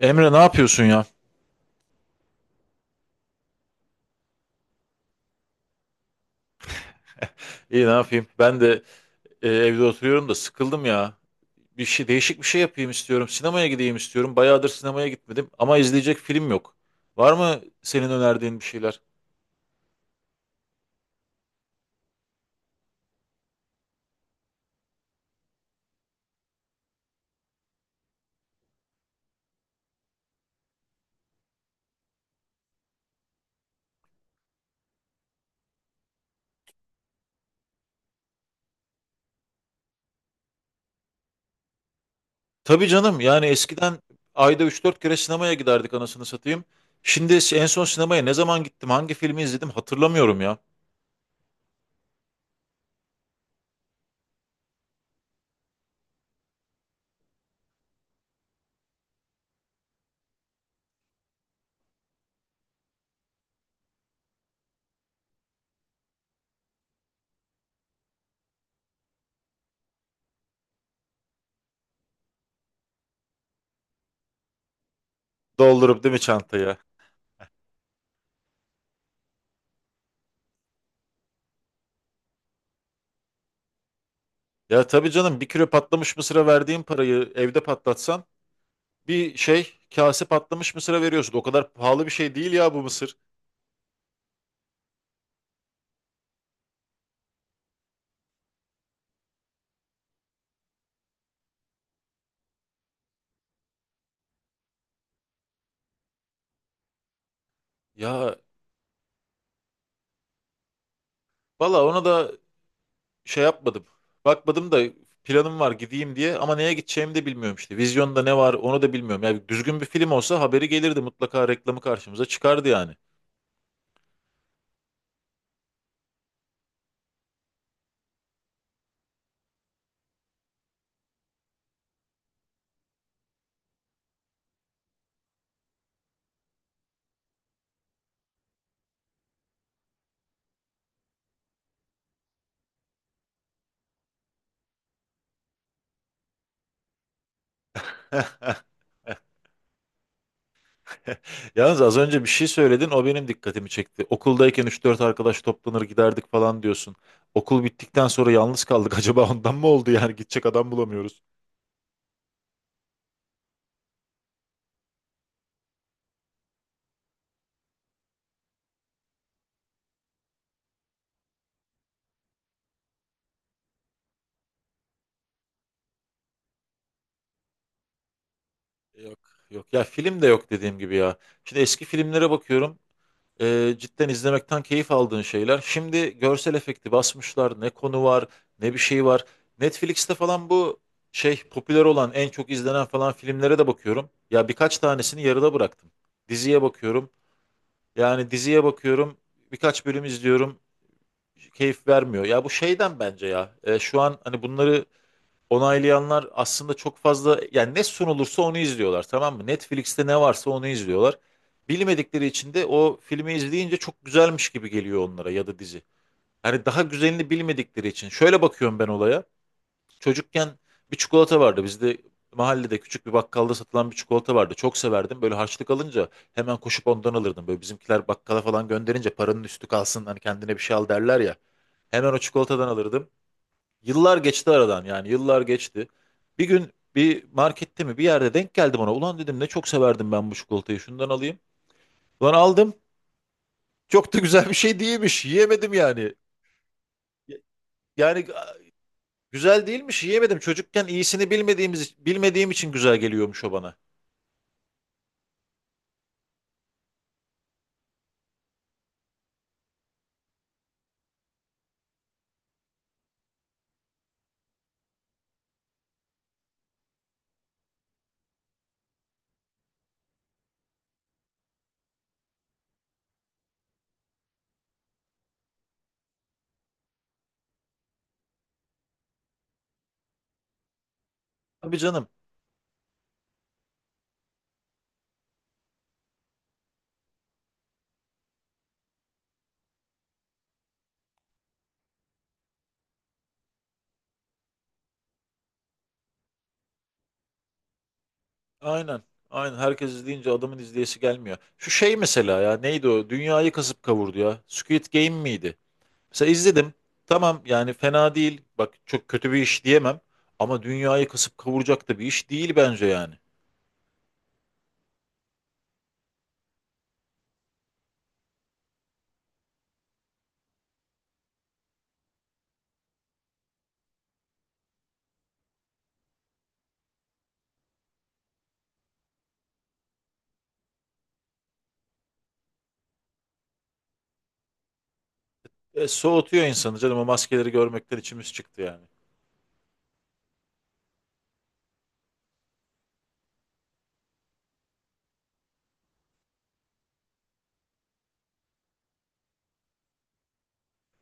Emre ne yapıyorsun ya? İyi ne yapayım? Ben de evde oturuyorum da sıkıldım ya. Bir şey değişik bir şey yapayım istiyorum. Sinemaya gideyim istiyorum. Bayağıdır sinemaya gitmedim ama izleyecek film yok. Var mı senin önerdiğin bir şeyler? Tabii canım. Yani eskiden ayda üç dört kere sinemaya giderdik anasını satayım. Şimdi en son sinemaya ne zaman gittim, hangi filmi izledim hatırlamıyorum ya. Doldurup değil mi çantaya? Ya tabii canım bir kilo patlamış mısıra verdiğin parayı evde patlatsan. Bir şey kase patlamış mısıra veriyorsun. O kadar pahalı bir şey değil ya bu mısır. Ya valla ona da şey yapmadım. Bakmadım da planım var gideyim diye ama neye gideceğimi de bilmiyorum işte. Vizyonda ne var onu da bilmiyorum. Yani düzgün bir film olsa haberi gelirdi mutlaka reklamı karşımıza çıkardı yani. Yalnız az önce bir şey söyledin, o benim dikkatimi çekti. Okuldayken üç dört arkadaş toplanır giderdik falan diyorsun. Okul bittikten sonra yalnız kaldık. Acaba ondan mı oldu yani, gidecek adam bulamıyoruz. Yok, yok ya, film de yok dediğim gibi ya. Şimdi eski filmlere bakıyorum. Cidden izlemekten keyif aldığın şeyler. Şimdi görsel efekti basmışlar. Ne konu var, ne bir şey var. Netflix'te falan bu şey popüler olan, en çok izlenen falan filmlere de bakıyorum. Ya birkaç tanesini yarıda bıraktım. Diziye bakıyorum. Yani diziye bakıyorum. Birkaç bölüm izliyorum. Keyif vermiyor. Ya bu şeyden bence ya. Şu an hani bunları onaylayanlar aslında çok fazla, yani ne sunulursa onu izliyorlar tamam mı? Netflix'te ne varsa onu izliyorlar. Bilmedikleri için de o filmi izleyince çok güzelmiş gibi geliyor onlara ya da dizi. Hani daha güzelini bilmedikleri için. Şöyle bakıyorum ben olaya. Çocukken bir çikolata vardı. Bizde mahallede küçük bir bakkalda satılan bir çikolata vardı. Çok severdim. Böyle harçlık alınca hemen koşup ondan alırdım. Böyle bizimkiler bakkala falan gönderince paranın üstü kalsın hani kendine bir şey al derler ya. Hemen o çikolatadan alırdım. Yıllar geçti aradan, yani yıllar geçti. Bir gün bir markette mi bir yerde denk geldim ona. Ulan dedim ne çok severdim ben bu çikolatayı, şundan alayım. Ulan aldım. Çok da güzel bir şey değilmiş. Yiyemedim yani. Yani güzel değilmiş, yiyemedim. Çocukken iyisini bilmediğim için güzel geliyormuş o bana. Tabii canım. Aynen. Aynen. Herkes izleyince adamın izleyesi gelmiyor. Şu şey mesela, ya neydi o? Dünyayı kasıp kavurdu ya. Squid Game miydi? Mesela izledim. Tamam yani, fena değil. Bak, çok kötü bir iş diyemem. Ama dünyayı kasıp kavuracak da bir iş değil bence yani. Soğutuyor insanı canım, o maskeleri görmekten içimiz çıktı yani.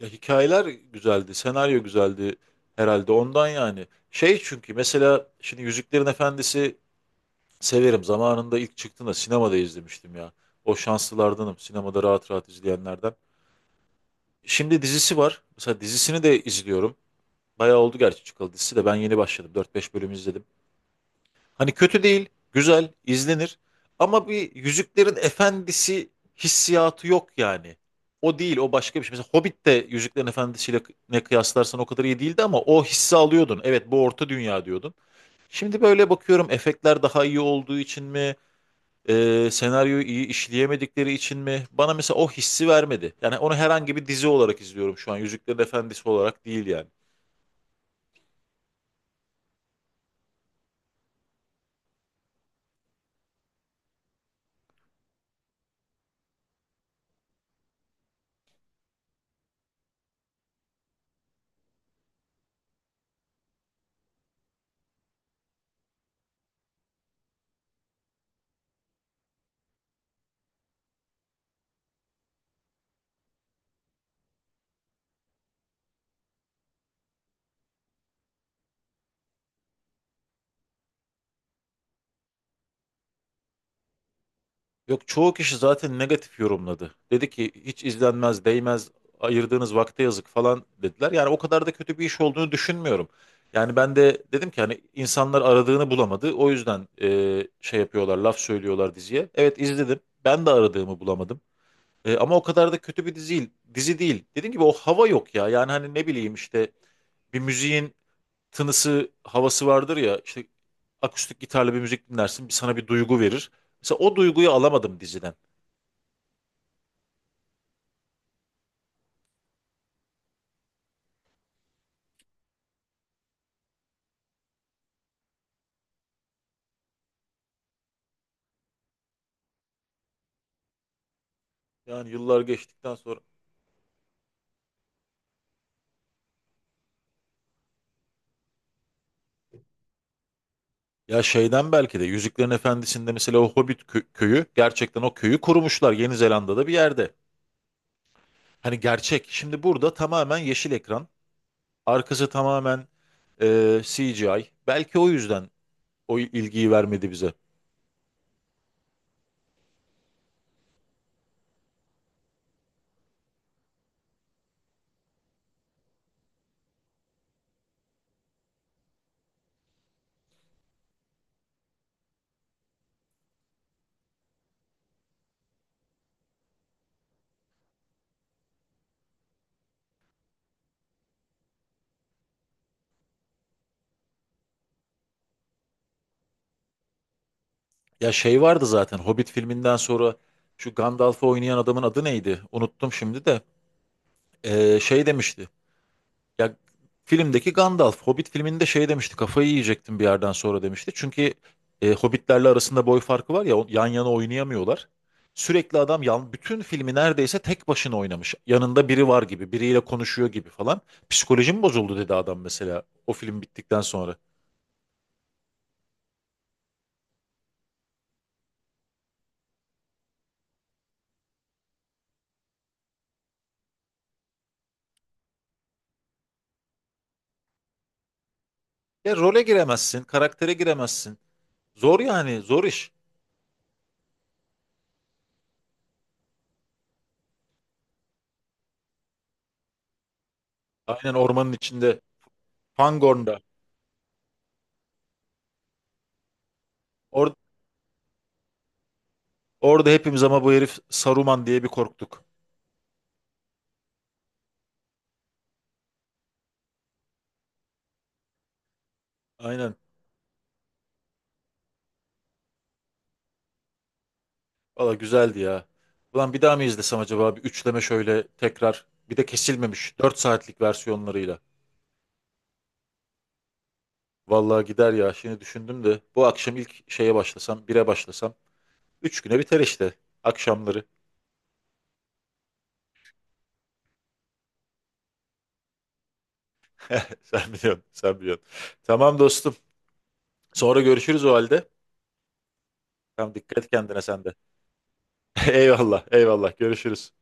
Ya, hikayeler güzeldi, senaryo güzeldi, herhalde ondan yani. Şey çünkü mesela şimdi Yüzüklerin Efendisi, severim. Zamanında ilk çıktığında sinemada izlemiştim ya. O şanslılardanım, sinemada rahat rahat izleyenlerden. Şimdi dizisi var. Mesela dizisini de izliyorum. Bayağı oldu gerçi çıkalı, dizisi de ben yeni başladım. Dört beş bölüm izledim. Hani kötü değil, güzel, izlenir. Ama bir Yüzüklerin Efendisi hissiyatı yok yani. O değil, o başka bir şey. Mesela Hobbit de Yüzüklerin Efendisi'yle ne kıyaslarsan o kadar iyi değildi ama o hissi alıyordun. Evet, bu orta dünya diyordun. Şimdi böyle bakıyorum, efektler daha iyi olduğu için mi, senaryoyu iyi işleyemedikleri için mi? Bana mesela o hissi vermedi. Yani onu herhangi bir dizi olarak izliyorum şu an. Yüzüklerin Efendisi olarak değil yani. Yok, çoğu kişi zaten negatif yorumladı. Dedi ki hiç izlenmez, değmez, ayırdığınız vakte yazık falan dediler. Yani o kadar da kötü bir iş olduğunu düşünmüyorum. Yani ben de dedim ki hani insanlar aradığını bulamadı. O yüzden şey yapıyorlar, laf söylüyorlar diziye. Evet, izledim. Ben de aradığımı bulamadım. Ama o kadar da kötü bir dizi değil. Dizi değil. Dediğim gibi o hava yok ya. Yani hani ne bileyim işte, bir müziğin tınısı, havası vardır ya. İşte akustik gitarla bir müzik dinlersin, sana bir duygu verir. Mesela o duyguyu alamadım diziden. Yani yıllar geçtikten sonra ya şeyden belki de Yüzüklerin Efendisi'nde mesela o Hobbit köyü gerçekten o köyü kurmuşlar Yeni Zelanda'da bir yerde. Hani gerçek. Şimdi burada tamamen yeşil ekran. Arkası tamamen CGI. Belki o yüzden o ilgiyi vermedi bize. Ya şey vardı zaten Hobbit filminden sonra, şu Gandalf'ı oynayan adamın adı neydi? Unuttum şimdi de. Şey demişti. Ya, filmdeki Gandalf, Hobbit filminde şey demişti, kafayı yiyecektim bir yerden sonra demişti. Çünkü Hobbitlerle arasında boy farkı var ya, yan yana oynayamıyorlar. Sürekli adam yan, bütün filmi neredeyse tek başına oynamış. Yanında biri var gibi, biriyle konuşuyor gibi falan. Psikolojim bozuldu dedi adam mesela, o film bittikten sonra. Ya role giremezsin, karaktere giremezsin. Zor yani, zor iş. Aynen, ormanın içinde, Fangorn'da. Or- orada hepimiz ama bu herif Saruman diye bir korktuk. Aynen. Valla güzeldi ya. Ulan bir daha mı izlesem acaba? Bir üçleme şöyle, tekrar. Bir de kesilmemiş 4 saatlik versiyonlarıyla. Valla gider ya. Şimdi düşündüm de bu akşam ilk şeye başlasam, bire başlasam 3 güne biter işte. Akşamları. Sen biliyorsun, sen biliyorsun. Tamam dostum. Sonra görüşürüz o halde. Tamam, dikkat et kendine sen de. Eyvallah, eyvallah. Görüşürüz.